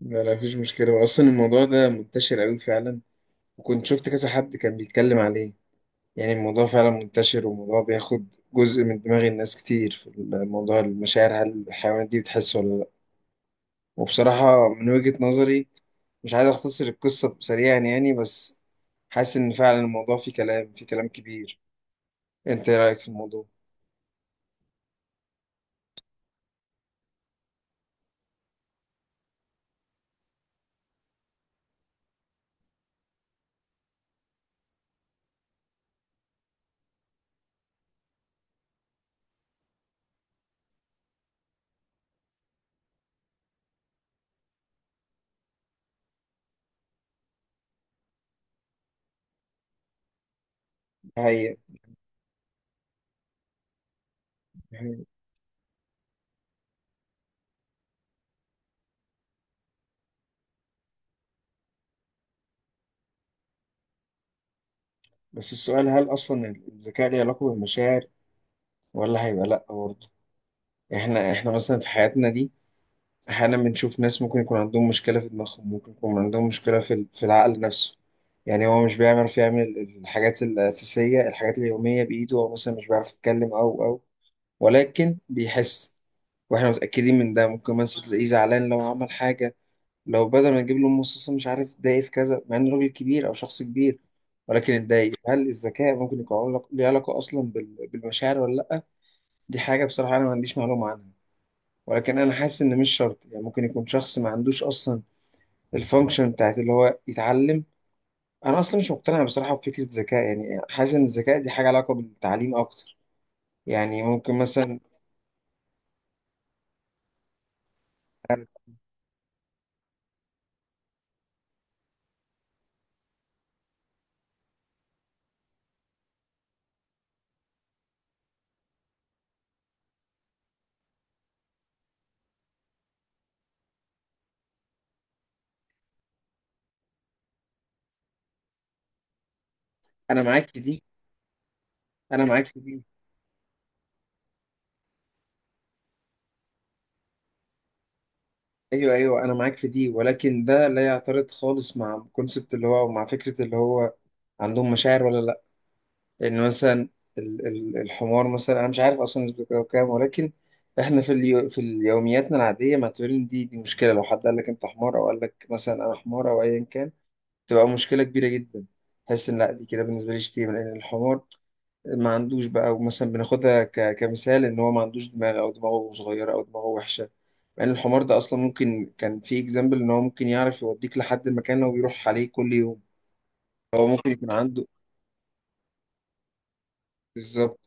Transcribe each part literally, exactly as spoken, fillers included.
لا، لا مفيش مشكلة. أصلا الموضوع ده منتشر أوي فعلا، وكنت شفت كذا حد كان بيتكلم عليه. يعني الموضوع فعلا منتشر، والموضوع بياخد جزء من دماغ الناس كتير في الموضوع المشاعر، هل الحيوانات دي بتحس ولا لأ. وبصراحة من وجهة نظري مش عايز أختصر القصة سريعا يعني، بس حاسس إن فعلا الموضوع فيه كلام، فيه كلام كبير. أنت إيه رأيك في الموضوع؟ هي بس السؤال، هل أصلا الذكاء ليه علاقة بالمشاعر ولا هيبقى لأ برضه؟ إحنا إحنا مثلا في حياتنا دي احيانا بنشوف ناس ممكن يكون عندهم مشكله في دماغهم، ممكن يكون عندهم مشكله في ال- في العقل نفسه. يعني هو مش بيعرف يعمل الحاجات الاساسيه، الحاجات اليوميه بايده، او مثلا مش بيعرف يتكلم او او ولكن بيحس. واحنا متاكدين من ده. ممكن مثلا تلاقيه زعلان لو عمل حاجه، لو بدل ما نجيب له مصاصه مش عارف اتضايق في كذا، مع انه راجل كبير او شخص كبير، ولكن اتضايق. هل الذكاء ممكن يكون علاق- ليه علاقه اصلا بال- بالمشاعر ولا لا؟ دي حاجه بصراحه انا ما عنديش معلومه عنها، ولكن انا حاسس ان مش شرط. يعني ممكن يكون شخص ما عندوش اصلا الفانكشن بتاعت اللي هو يتعلم. انا اصلا مش مقتنع بصراحه بفكره ذكاء، يعني حاسس ان الذكاء دي حاجه علاقه بالتعليم اكتر. يعني ممكن مثلا انا معاك في دي، انا معاك في دي. ايوه، ايوه، انا معاك في دي، ولكن ده لا يعترض خالص مع الكونسبت اللي هو، ومع فكره اللي هو عندهم مشاعر ولا لا. لان مثلا ال- ال- الحمار مثلا، انا مش عارف اصلا نسبته كام، ولكن احنا في اليو في يومياتنا العاديه معتبرين دي دي مشكله. لو حد قال لك انت حمار، او قال لك مثلا انا حمار او ايا كان، تبقى مشكلة كبيرة جدا. بحس إن لا، دي كده بالنسبة لي شتيمة، لأن الحمار ما عندوش بقى. ومثلا بناخدها ك... كمثال إن هو ما عندوش دماغ، أو دماغه صغيرة، أو دماغه وحشة، مع إن الحمار ده أصلا ممكن كان في إكزامبل إن هو ممكن يعرف يوديك لحد المكان اللي هو بيروح عليه كل يوم. هو ممكن يكون عنده، بالظبط.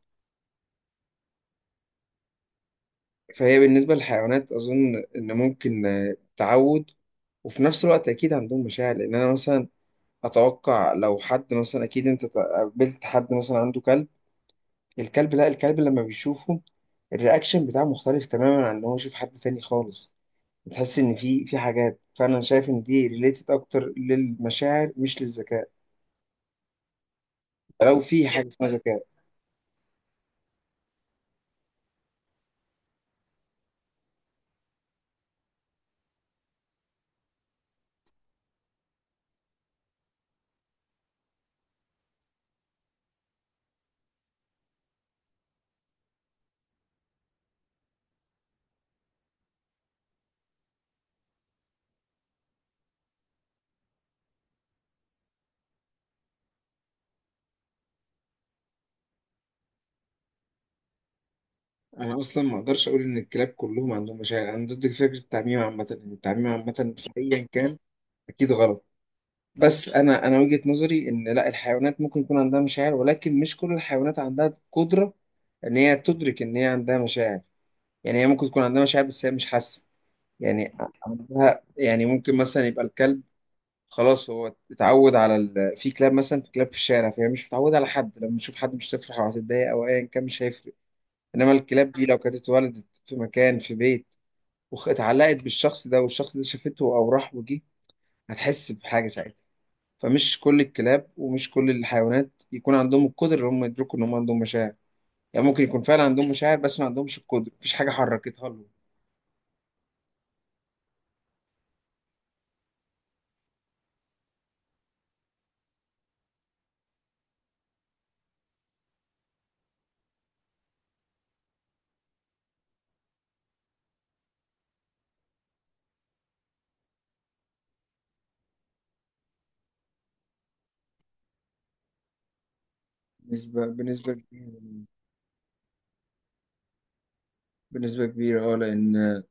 فهي بالنسبة للحيوانات أظن إن ممكن آه، تعود. وفي نفس الوقت أكيد عندهم مشاعر، لأن أنا مثلا أتوقع لو حد مثلا، أكيد أنت قابلت حد مثلا عنده كلب، الكلب، لا الكلب لما بيشوفه الرياكشن بتاعه مختلف تماما عن ان هو يشوف حد تاني خالص. بتحس ان في في حاجات، فانا شايف ان دي ريليتد اكتر للمشاعر مش للذكاء، لو في حاجه اسمها ذكاء. انا اصلا ما اقدرش اقول ان الكلاب كلهم عندهم مشاعر. انا ضد فكره التعميم عامه، ان التعميم عامه في ايا كان اكيد غلط. بس انا انا وجهه نظري ان لا، الحيوانات ممكن يكون عندها مشاعر، ولكن مش كل الحيوانات عندها قدره ان هي تدرك ان هي عندها مشاعر. يعني هي ممكن تكون عندها مشاعر، بس هي مش حاسه يعني، عندها. يعني ممكن مثلا يبقى الكلب، خلاص هو اتعود على ال... في كلاب مثلا، في كلاب في الشارع فهي مش متعودة على حد، لما تشوف حد مش هتفرح او هتتضايق او ايا كان، مش هيفرق. انما الكلاب دي لو كانت اتولدت في مكان، في بيت، واتعلقت بالشخص ده، والشخص ده شافته او راح وجه، هتحس بحاجة ساعتها. فمش كل الكلاب ومش كل الحيوانات يكون عندهم القدرة ان هم يدركوا ان هم عندهم مشاعر. يعني ممكن يكون فعلا عندهم مشاعر، بس ما عندهمش القدرة، مفيش حاجة حركتها لهم. بنسبة بنسبة كبيرة. بنسبة كبيرة، اه. لأن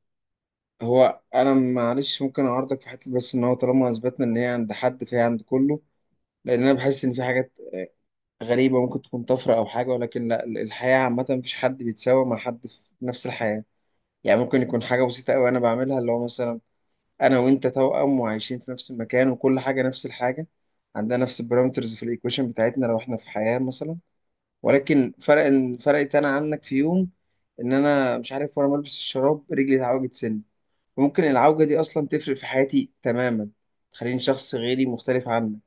هو، انا معلش ممكن اعارضك في حته، بس ان هو طالما اثبتنا ان هي عند حد فهي عند كله، لان انا بحس ان في حاجات آه، غريبه ممكن تكون طفره او حاجه، ولكن لا، ال- الحياه عامه مفيش حد بيتساوى مع حد في نفس الحياه. يعني ممكن يكون حاجه بسيطه قوي انا بعملها، اللي هو مثلا انا وانت توأم وعايشين في نفس المكان وكل حاجه نفس الحاجه، عندنا نفس البارامترز في الايكويشن بتاعتنا لو احنا في حياه مثلا، ولكن فرق، فرقت انا عنك في يوم ان انا مش عارف، وانا بلبس الشراب رجلي اتعوجت سن، ممكن العوجة دي اصلا تفرق في حياتي تماما، تخليني شخص غيري مختلف عنك.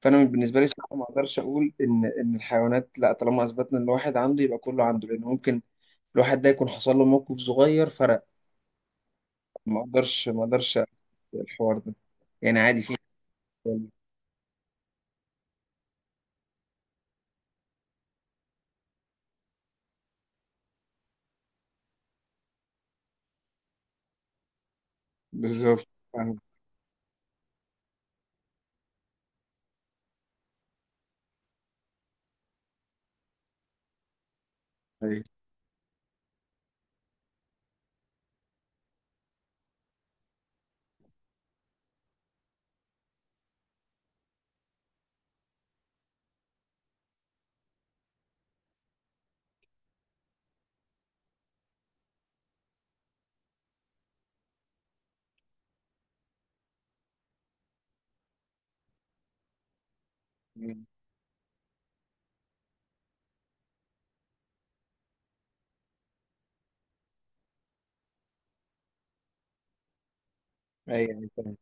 فانا بالنسبة لي بصراحة ما اقدرش اقول ان ان الحيوانات لا، طالما اثبتنا ان الواحد عنده يبقى كله عنده، لان ممكن الواحد ده يكون حصل له موقف صغير فرق. ما اقدرش، ما اقدرش أقبل الحوار ده، يعني عادي في. بالظبط، فاهم. ايوه، ايوه، أيوة، فاهم.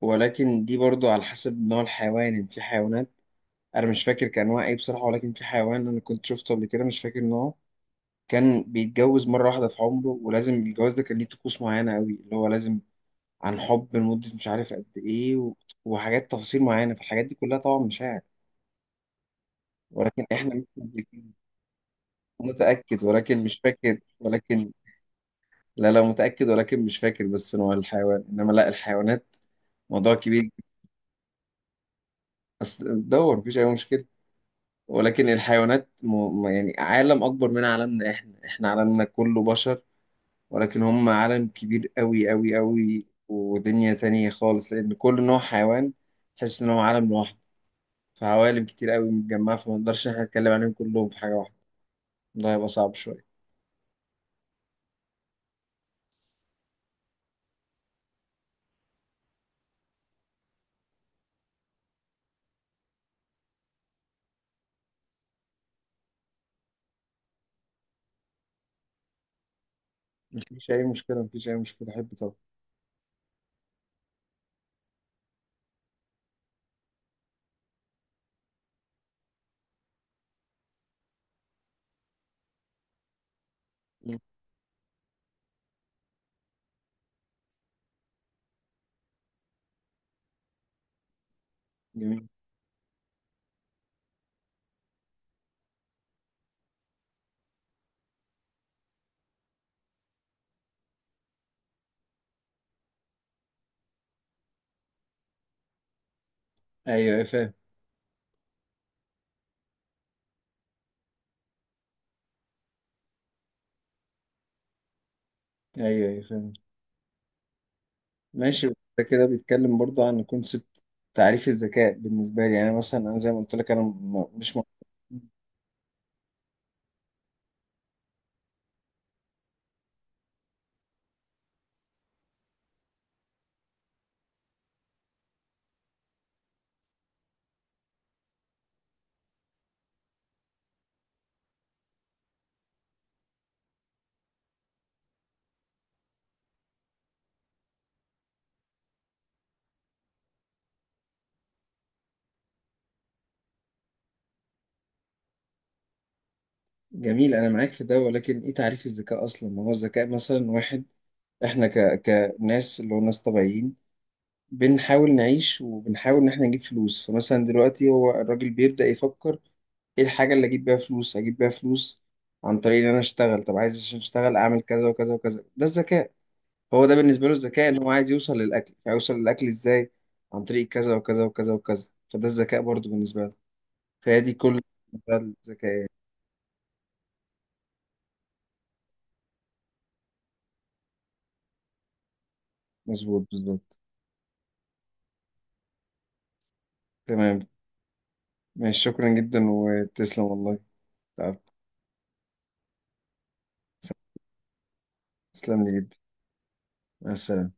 ولكن دي برضو على حسب نوع الحيوان. يعني في حيوانات، انا مش فاكر كان انواع ايه بصراحه، ولكن في حيوان انا كنت شفته قبل كده مش فاكر نوعه، كان بيتجوز مره واحده في عمره، ولازم الجواز ده كان ليه طقوس معينه قوي، اللي هو لازم عن حب لمده مش عارف قد ايه و... وحاجات تفاصيل معينه. فالحاجات دي كلها طبعا مشاعر. ولكن احنا ممكن، متاكد ولكن مش فاكر، ولكن لا، لا متاكد ولكن مش فاكر بس نوع الحيوان. انما لا، الحيوانات موضوع كبير. اصل دور، مفيش اي مشكله. ولكن الحيوانات م... م- يعني عالم اكبر من عالمنا احنا، احنا عالمنا كله بشر، ولكن هم عالم كبير قوي قوي قوي، ودنيا تانية خالص، لأن كل نوع حيوان تحس إن هو عالم لوحده. فعوالم كتير قوي متجمعة، فما نقدرش إن إحنا نتكلم عليهم كلهم في حاجة واحدة، ده هيبقى صعب شوية. مفيش أي مشكلة، مفيش أي مشكلة، أحب طبعا. مم. جميل. أيوه، أيوه، فاهم. أيوه، أيوه، فاهم. ماشي. ده كده بيتكلم برضه عن كونسبت تعريف الذكاء. بالنسبة لي يعني مثلا، أنا زي ما قلت لك أنا م- مش م- جميل، أنا معاك في ده. ولكن إيه تعريف الذكاء أصلا؟ ما هو الذكاء مثلا؟ واحد احنا ك... كناس، اللي هو ناس طبيعيين، بنحاول نعيش وبنحاول ان احنا نجيب فلوس. فمثلا دلوقتي هو الراجل بيبدأ يفكر ايه الحاجة اللي اجيب بيها فلوس، اجيب بيها فلوس عن طريق ان انا اشتغل. طب عايز عشان اشتغل اعمل كذا وكذا وكذا، ده الذكاء. هو ده بالنسبة له الذكاء، ان هو عايز يوصل للاكل، فيوصل للاكل ازاي؟ عن طريق كذا وكذا وكذا وكذا، فده الذكاء برضو بالنسبة له. فهي دي كل، ده الذكاء يعني. مظبوط، بالظبط. تمام. ماشي، شكرا جدا، وتسلم والله، تعبت. تسلم لي جدا. مع السلامة.